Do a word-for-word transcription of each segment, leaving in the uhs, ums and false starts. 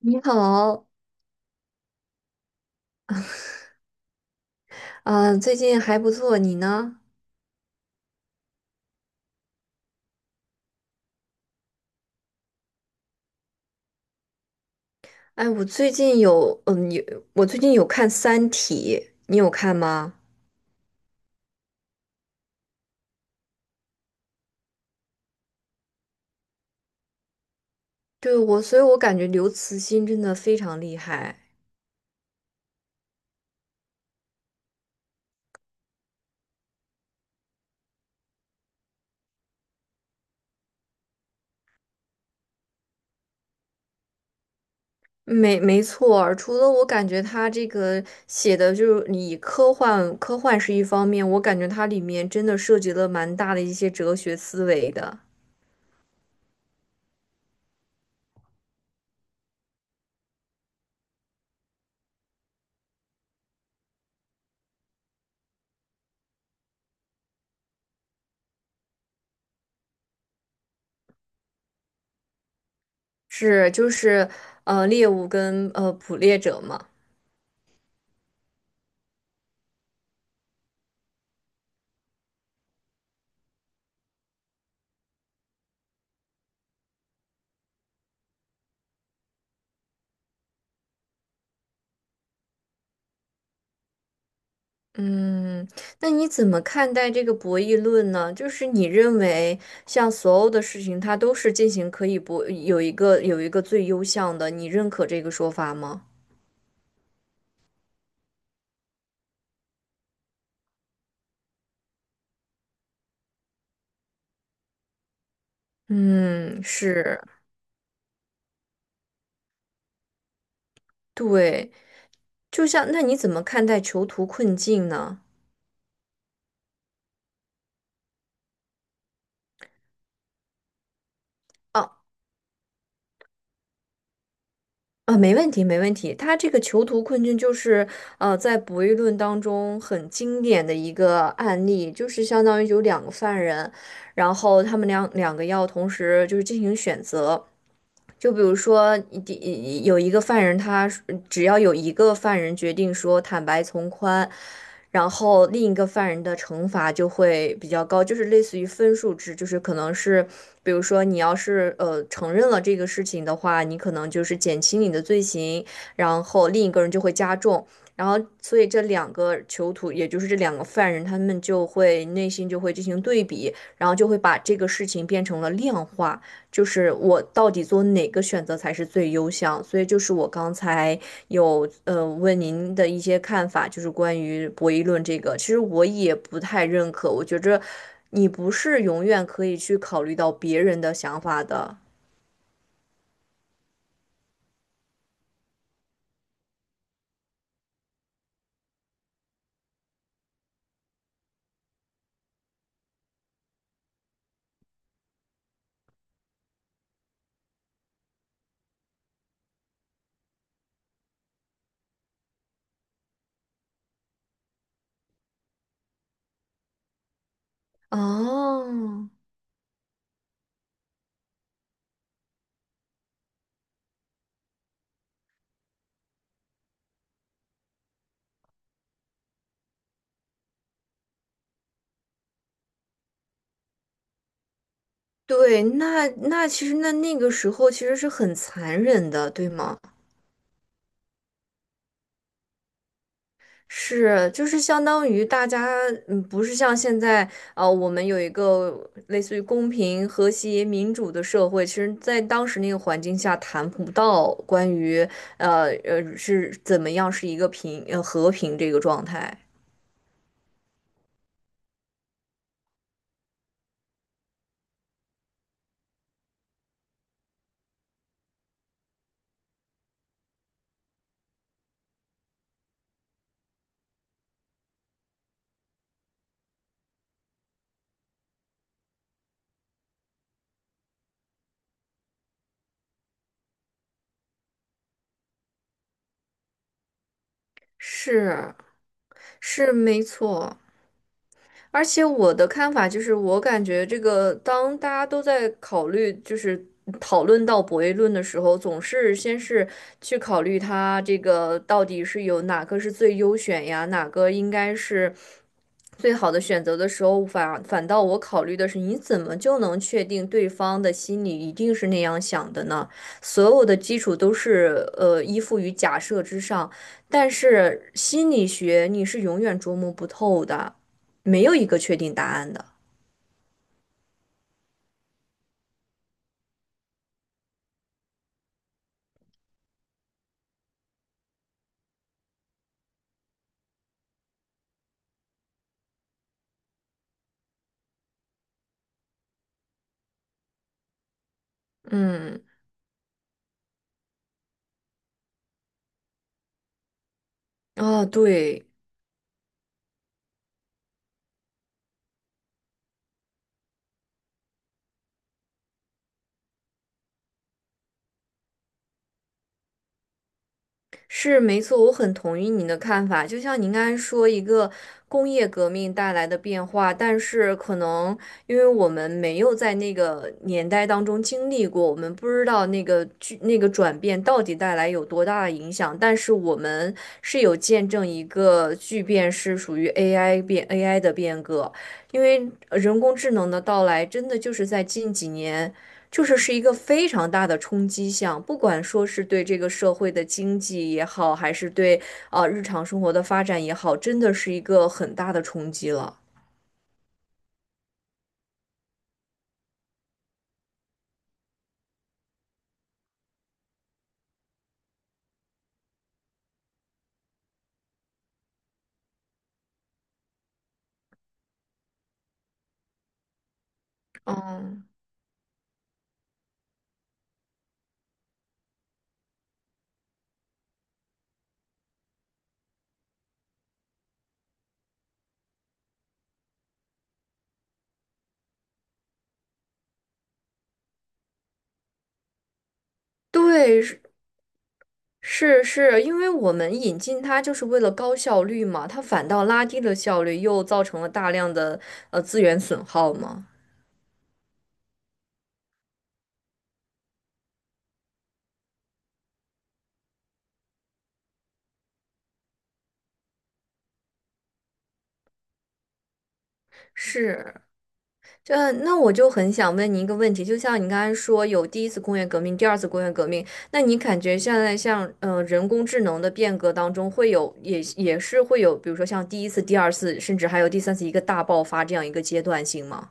你好。嗯、最近还不错，你呢？哎，我最近有，嗯，有，我最近有看《三体》，你有看吗？对，我，所以我感觉刘慈欣真的非常厉害。没，没错儿，除了我感觉他这个写的就是以科幻，科幻是一方面，我感觉它里面真的涉及了蛮大的一些哲学思维的。是，就是，呃，猎物跟呃捕猎者嘛。嗯，那你怎么看待这个博弈论呢？就是你认为，像所有的事情，它都是进行可以博，有一个有一个最优项的，你认可这个说法吗？嗯，是，对。就像，那你怎么看待囚徒困境呢？啊。啊，没问题，没问题。他这个囚徒困境就是，呃，在博弈论当中很经典的一个案例，就是相当于有两个犯人，然后他们两两个要同时就是进行选择。就比如说，第有一个犯人他，只要有一个犯人决定说坦白从宽，然后另一个犯人的惩罚就会比较高，就是类似于分数制，就是可能是。比如说，你要是呃承认了这个事情的话，你可能就是减轻你的罪行，然后另一个人就会加重，然后所以这两个囚徒，也就是这两个犯人，他们就会内心就会进行对比，然后就会把这个事情变成了量化，就是我到底做哪个选择才是最优项。所以就是我刚才有呃问您的一些看法，就是关于博弈论这个，其实我也不太认可。我觉着你不是永远可以去考虑到别人的想法的。哦，对，那那其实那那个时候其实是很残忍的，对吗？是，就是相当于大家，嗯，不是像现在，呃，我们有一个类似于公平、和谐、民主的社会。其实在当时那个环境下，谈不到关于，呃呃，是怎么样是一个平，呃，和平这个状态。是，是没错。而且我的看法就是，我感觉这个当大家都在考虑，就是讨论到博弈论的时候，总是先是去考虑它这个到底是有哪个是最优选呀，哪个应该是最好的选择的时候，反反倒我考虑的是，你怎么就能确定对方的心里一定是那样想的呢？所有的基础都是呃依附于假设之上，但是心理学你是永远琢磨不透的。没有一个确定答案的。嗯，啊，对，是没错，我很同意你的看法。就像您刚才说，一个工业革命带来的变化，但是可能因为我们没有在那个年代当中经历过，我们不知道那个巨那个转变到底带来有多大的影响。但是我们是有见证一个巨变，是属于 A I 变 A I 的变革，因为呃人工智能的到来，真的就是在近几年。就是是一个非常大的冲击项，不管说是对这个社会的经济也好，还是对啊、日常生活的发展也好，真的是一个很大的冲击了。嗯，对，是是是，因为我们引进它就是为了高效率嘛，它反倒拉低了效率，又造成了大量的呃资源损耗嘛。是。这那我就很想问您一个问题，就像你刚才说有第一次工业革命、第二次工业革命，那你感觉现在像嗯、呃人工智能的变革当中，会有也也是会有，比如说像第一次、第二次，甚至还有第三次一个大爆发这样一个阶段性吗？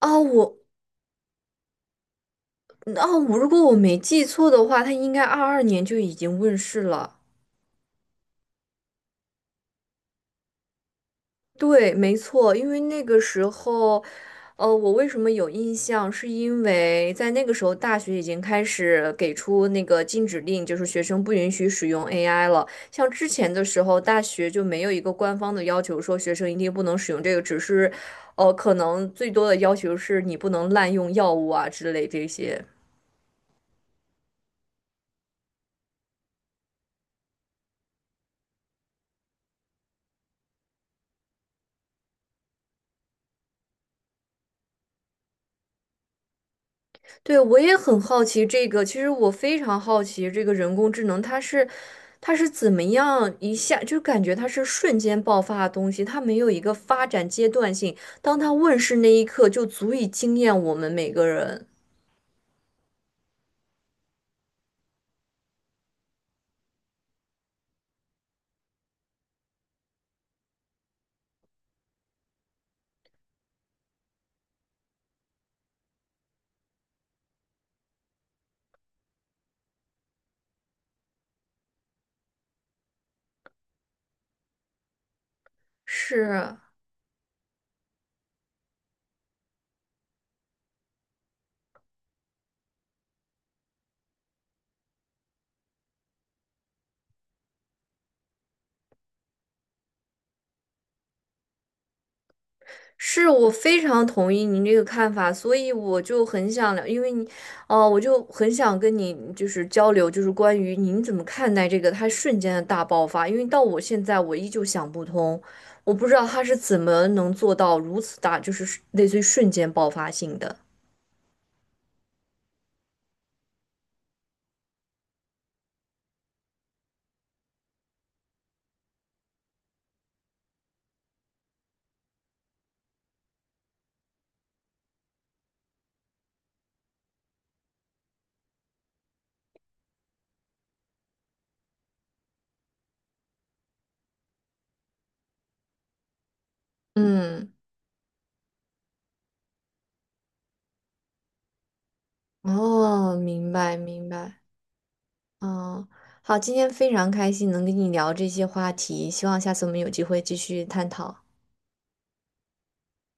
哦，我哦，我如果我没记错的话，它应该二二年就已经问世了。对，没错，因为那个时候，呃，我为什么有印象，是因为在那个时候，大学已经开始给出那个禁止令，就是学生不允许使用 A I 了。像之前的时候，大学就没有一个官方的要求说学生一定不能使用这个，只是，呃，可能最多的要求是你不能滥用药物啊之类这些。对，我也很好奇这个。其实我非常好奇这个人工智能，它是它是怎么样一下就感觉它是瞬间爆发的东西，它没有一个发展阶段性。当它问世那一刻，就足以惊艳我们每个人。是啊。是，我非常同意您这个看法。所以我就很想聊，因为你，哦、我就很想跟你就是交流，就是关于您怎么看待这个他瞬间的大爆发。因为到我现在我依旧想不通，我不知道他是怎么能做到如此大，就是类似于瞬间爆发性的。嗯，哦，明白明白。嗯，好，今天非常开心能跟你聊这些话题，希望下次我们有机会继续探讨。